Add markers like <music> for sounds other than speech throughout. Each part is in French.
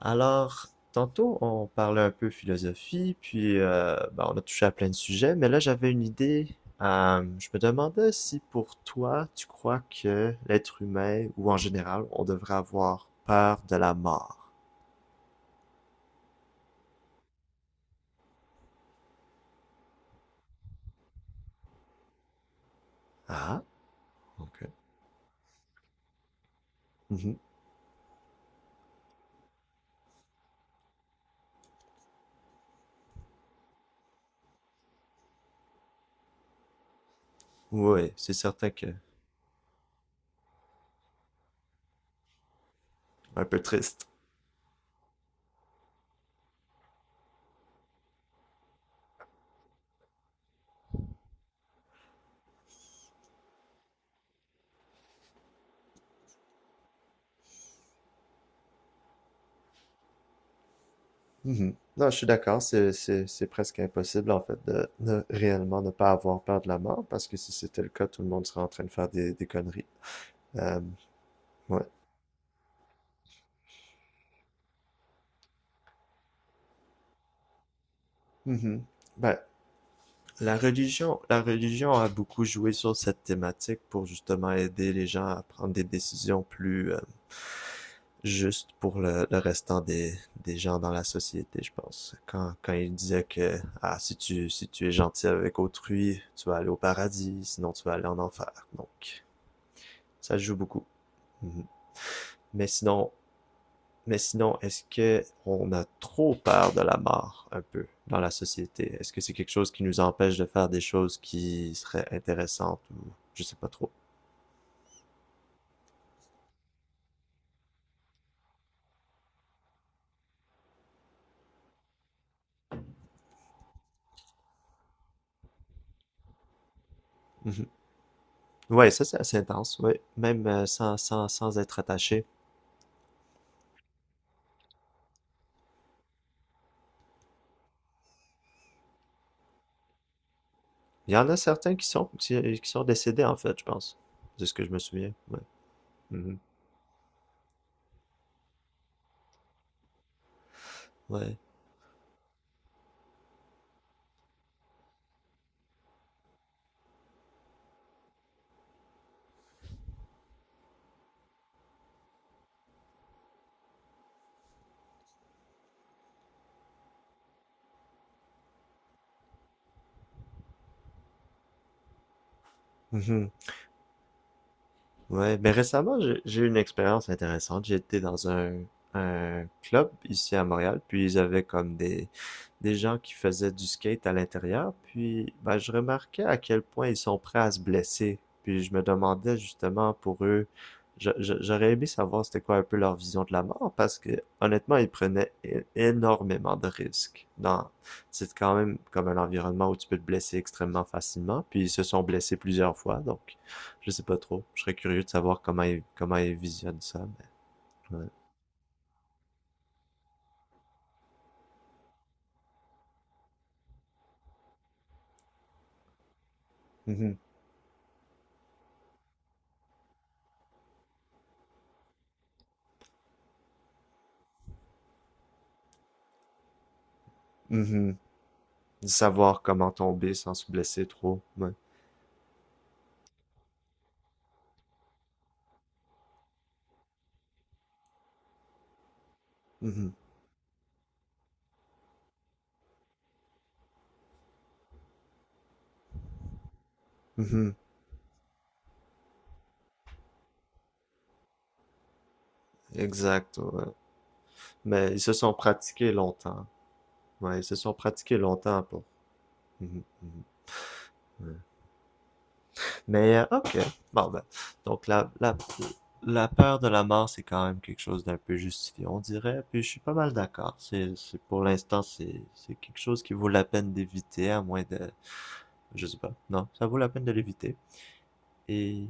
Alors, tantôt, on parlait un peu philosophie, puis ben, on a touché à plein de sujets, mais là, j'avais une idée. Je me demandais si pour toi, tu crois que l'être humain, ou en général, on devrait avoir peur de la mort. Ah, ok. Mhm. Oui, c'est certain que un peu triste. Mhm. Non, je suis d'accord, c'est presque impossible en fait de réellement ne pas avoir peur de la mort, parce que si c'était le cas, tout le monde serait en train de faire des conneries. Euh, ouais. Mhm. Ben, la religion a beaucoup joué sur cette thématique pour justement aider les gens à prendre des décisions plus, justes pour le restant des gens dans la société, je pense. Quand, quand il disait que ah, si tu, si tu es gentil avec autrui, tu vas aller au paradis, sinon tu vas aller en enfer. Donc, ça joue beaucoup. Mhm. Mais sinon, mais sinon, est-ce que on a trop peur de la mort un peu dans la société? Est-ce que c'est quelque chose qui nous empêche de faire des choses qui seraient intéressantes ou je sais pas trop. Mhm. Ouais, ça c'est assez intense, ouais. Même sans être attaché. Il y en a certains qui sont décédés en fait, je pense. De ce que je me souviens. Ouais. Mhm. Ouais. Mhm. Ouais, mais récemment, j'ai eu une expérience intéressante. J'étais dans un club ici à Montréal, puis ils avaient comme des gens qui faisaient du skate à l'intérieur, puis ben, je remarquais à quel point ils sont prêts à se blesser. Puis je me demandais justement pour eux, j'aurais aimé savoir c'était quoi un peu leur vision de la mort, parce que honnêtement, ils prenaient énormément de risques. Dans, c'est quand même comme un environnement où tu peux te blesser extrêmement facilement, puis ils se sont blessés plusieurs fois, donc je sais pas trop. Je serais curieux de savoir comment ils visionnent ça. Mais, ouais. Mhm. Mhm. De savoir comment tomber sans se blesser trop. Ouais. Mhm. Mhm. Exact. Ouais. Mais ils se sont pratiqués longtemps. Ouais, ils se sont pratiqués longtemps pour. Mhm. Mhm. Ouais. Mais ok. Bon ben, donc la peur de la mort, c'est quand même quelque chose d'un peu justifié, on dirait. Puis je suis pas mal d'accord. C'est- pour l'instant, c'est quelque chose qui vaut la peine d'éviter, à moins de je sais pas. Non, ça vaut la peine de l'éviter. Et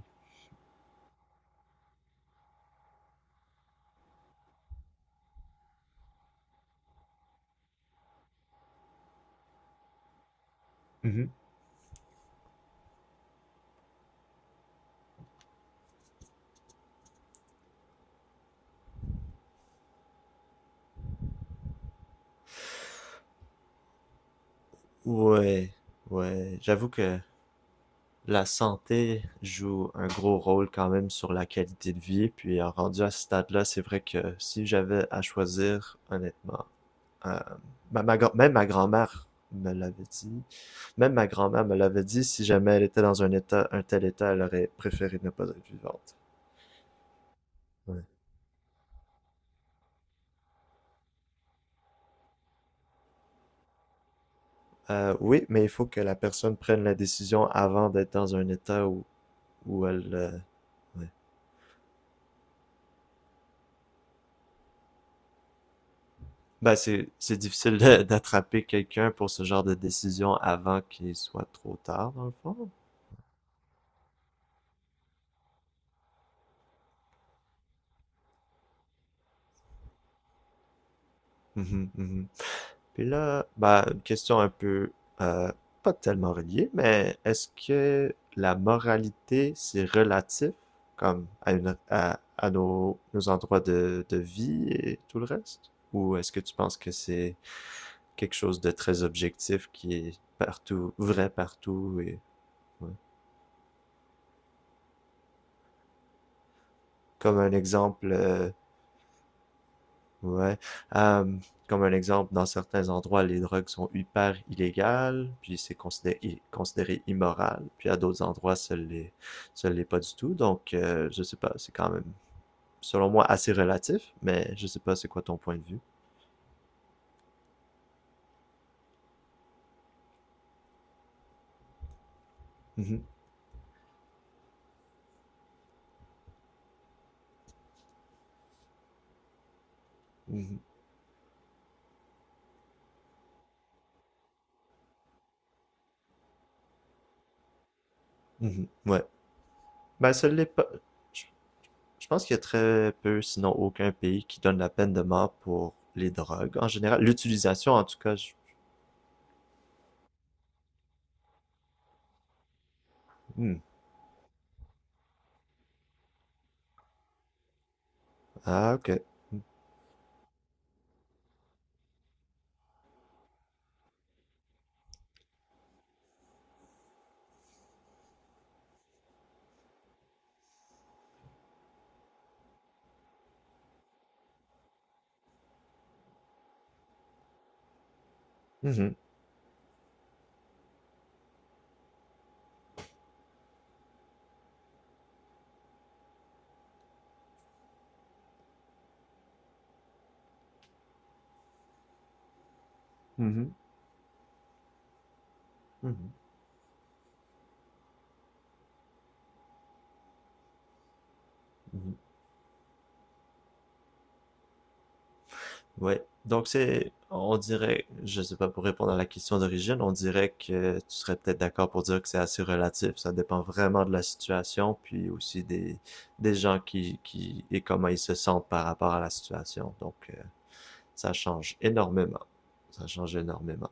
mhm. Ouais, ouais, j'avoue que la santé joue un gros rôle quand même sur la qualité de vie. Puis en rendu à ce stade-là, c'est vrai que si j'avais à choisir, honnêtement, euh, même ma grand-mère me l'avait dit. Même ma grand-mère me l'avait dit. Si jamais elle était dans un état, un tel état, elle aurait préféré ne pas être vivante. Ouais. Oui, mais il faut que la personne prenne la décision avant d'être dans un état où, où elle, ouais, ben, c'est difficile de- <laughs> d'attraper quelqu'un pour ce genre de décision avant qu'il soit trop tard, dans le fond. Mhm, mhm. Puis là, ben, une question un peu, euh, pas tellement reliée, mais est-ce que la moralité, c'est relatif, comme à une, à nos, nos endroits de vie et tout le reste? Ou est-ce que tu penses que c'est quelque chose de très objectif qui est partout, vrai partout et, ouais. Comme un exemple, euh. Ouais. Euh, Comme un exemple, dans certains endroits, les drogues sont hyper illégales, puis c'est considéré immoral, puis à d'autres endroits, ça l'est pas du tout. Donc, je sais pas, c'est quand même, selon moi, assez relatif, mais je sais pas c'est quoi ton point de vue. Mhm. Mhm. Ouais. Ben, ça l'est pas. Je, je pense qu'il y a très peu, sinon aucun pays qui donne la peine de mort pour les drogues. En général, l'utilisation, en tout cas, je- hmm. Ah, ok. Mhm. Mhm. Mhm. Mhm. Ouais. Donc c'est, on dirait, je sais pas, pour répondre à la question d'origine, on dirait que tu serais peut-être d'accord pour dire que c'est assez relatif. Ça dépend vraiment de la situation, puis aussi des gens qui, et comment ils se sentent par rapport à la situation. Donc ça change énormément. Ça change énormément.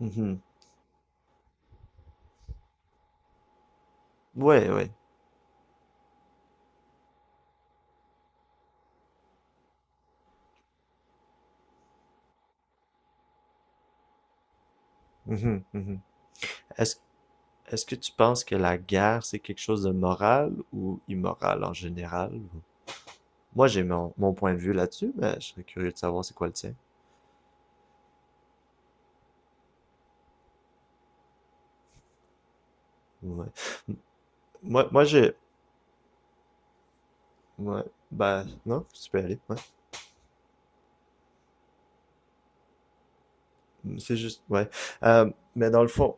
Mhm. Ouais, ouais. Mhm, mhm. Est-ce, est-ce que tu penses que la guerre, c'est quelque chose de moral ou immoral en général? Moi, j'ai mon, mon point de vue là-dessus, mais je serais curieux de savoir c'est quoi le tien. Ouais. Moi, moi j'ai. Ouais. Ben non, tu peux y aller. Ouais. C'est juste. Ouais. Euh, mais dans le fond,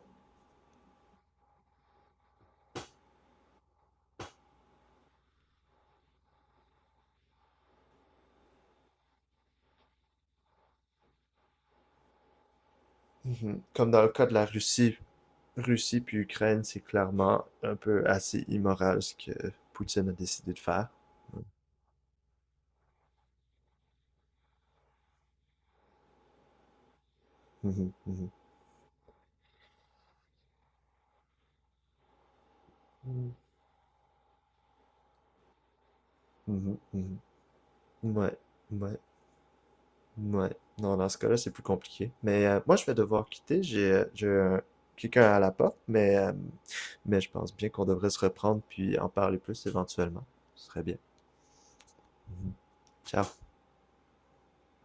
mhm, comme dans le cas de la Russie, Russie puis Ukraine, c'est clairement un peu assez immoral ce que Poutine a décidé de faire. Mhm, mhm. Mm. Mhm, mhm. Ouais. Ouais. Ouais. Non, dans ce cas-là, c'est plus compliqué. Mais moi, je vais devoir quitter. J'ai un- quelqu'un à la porte, mais je pense bien qu'on devrait se reprendre puis en parler plus éventuellement. Ce serait bien. Mhm. Ciao.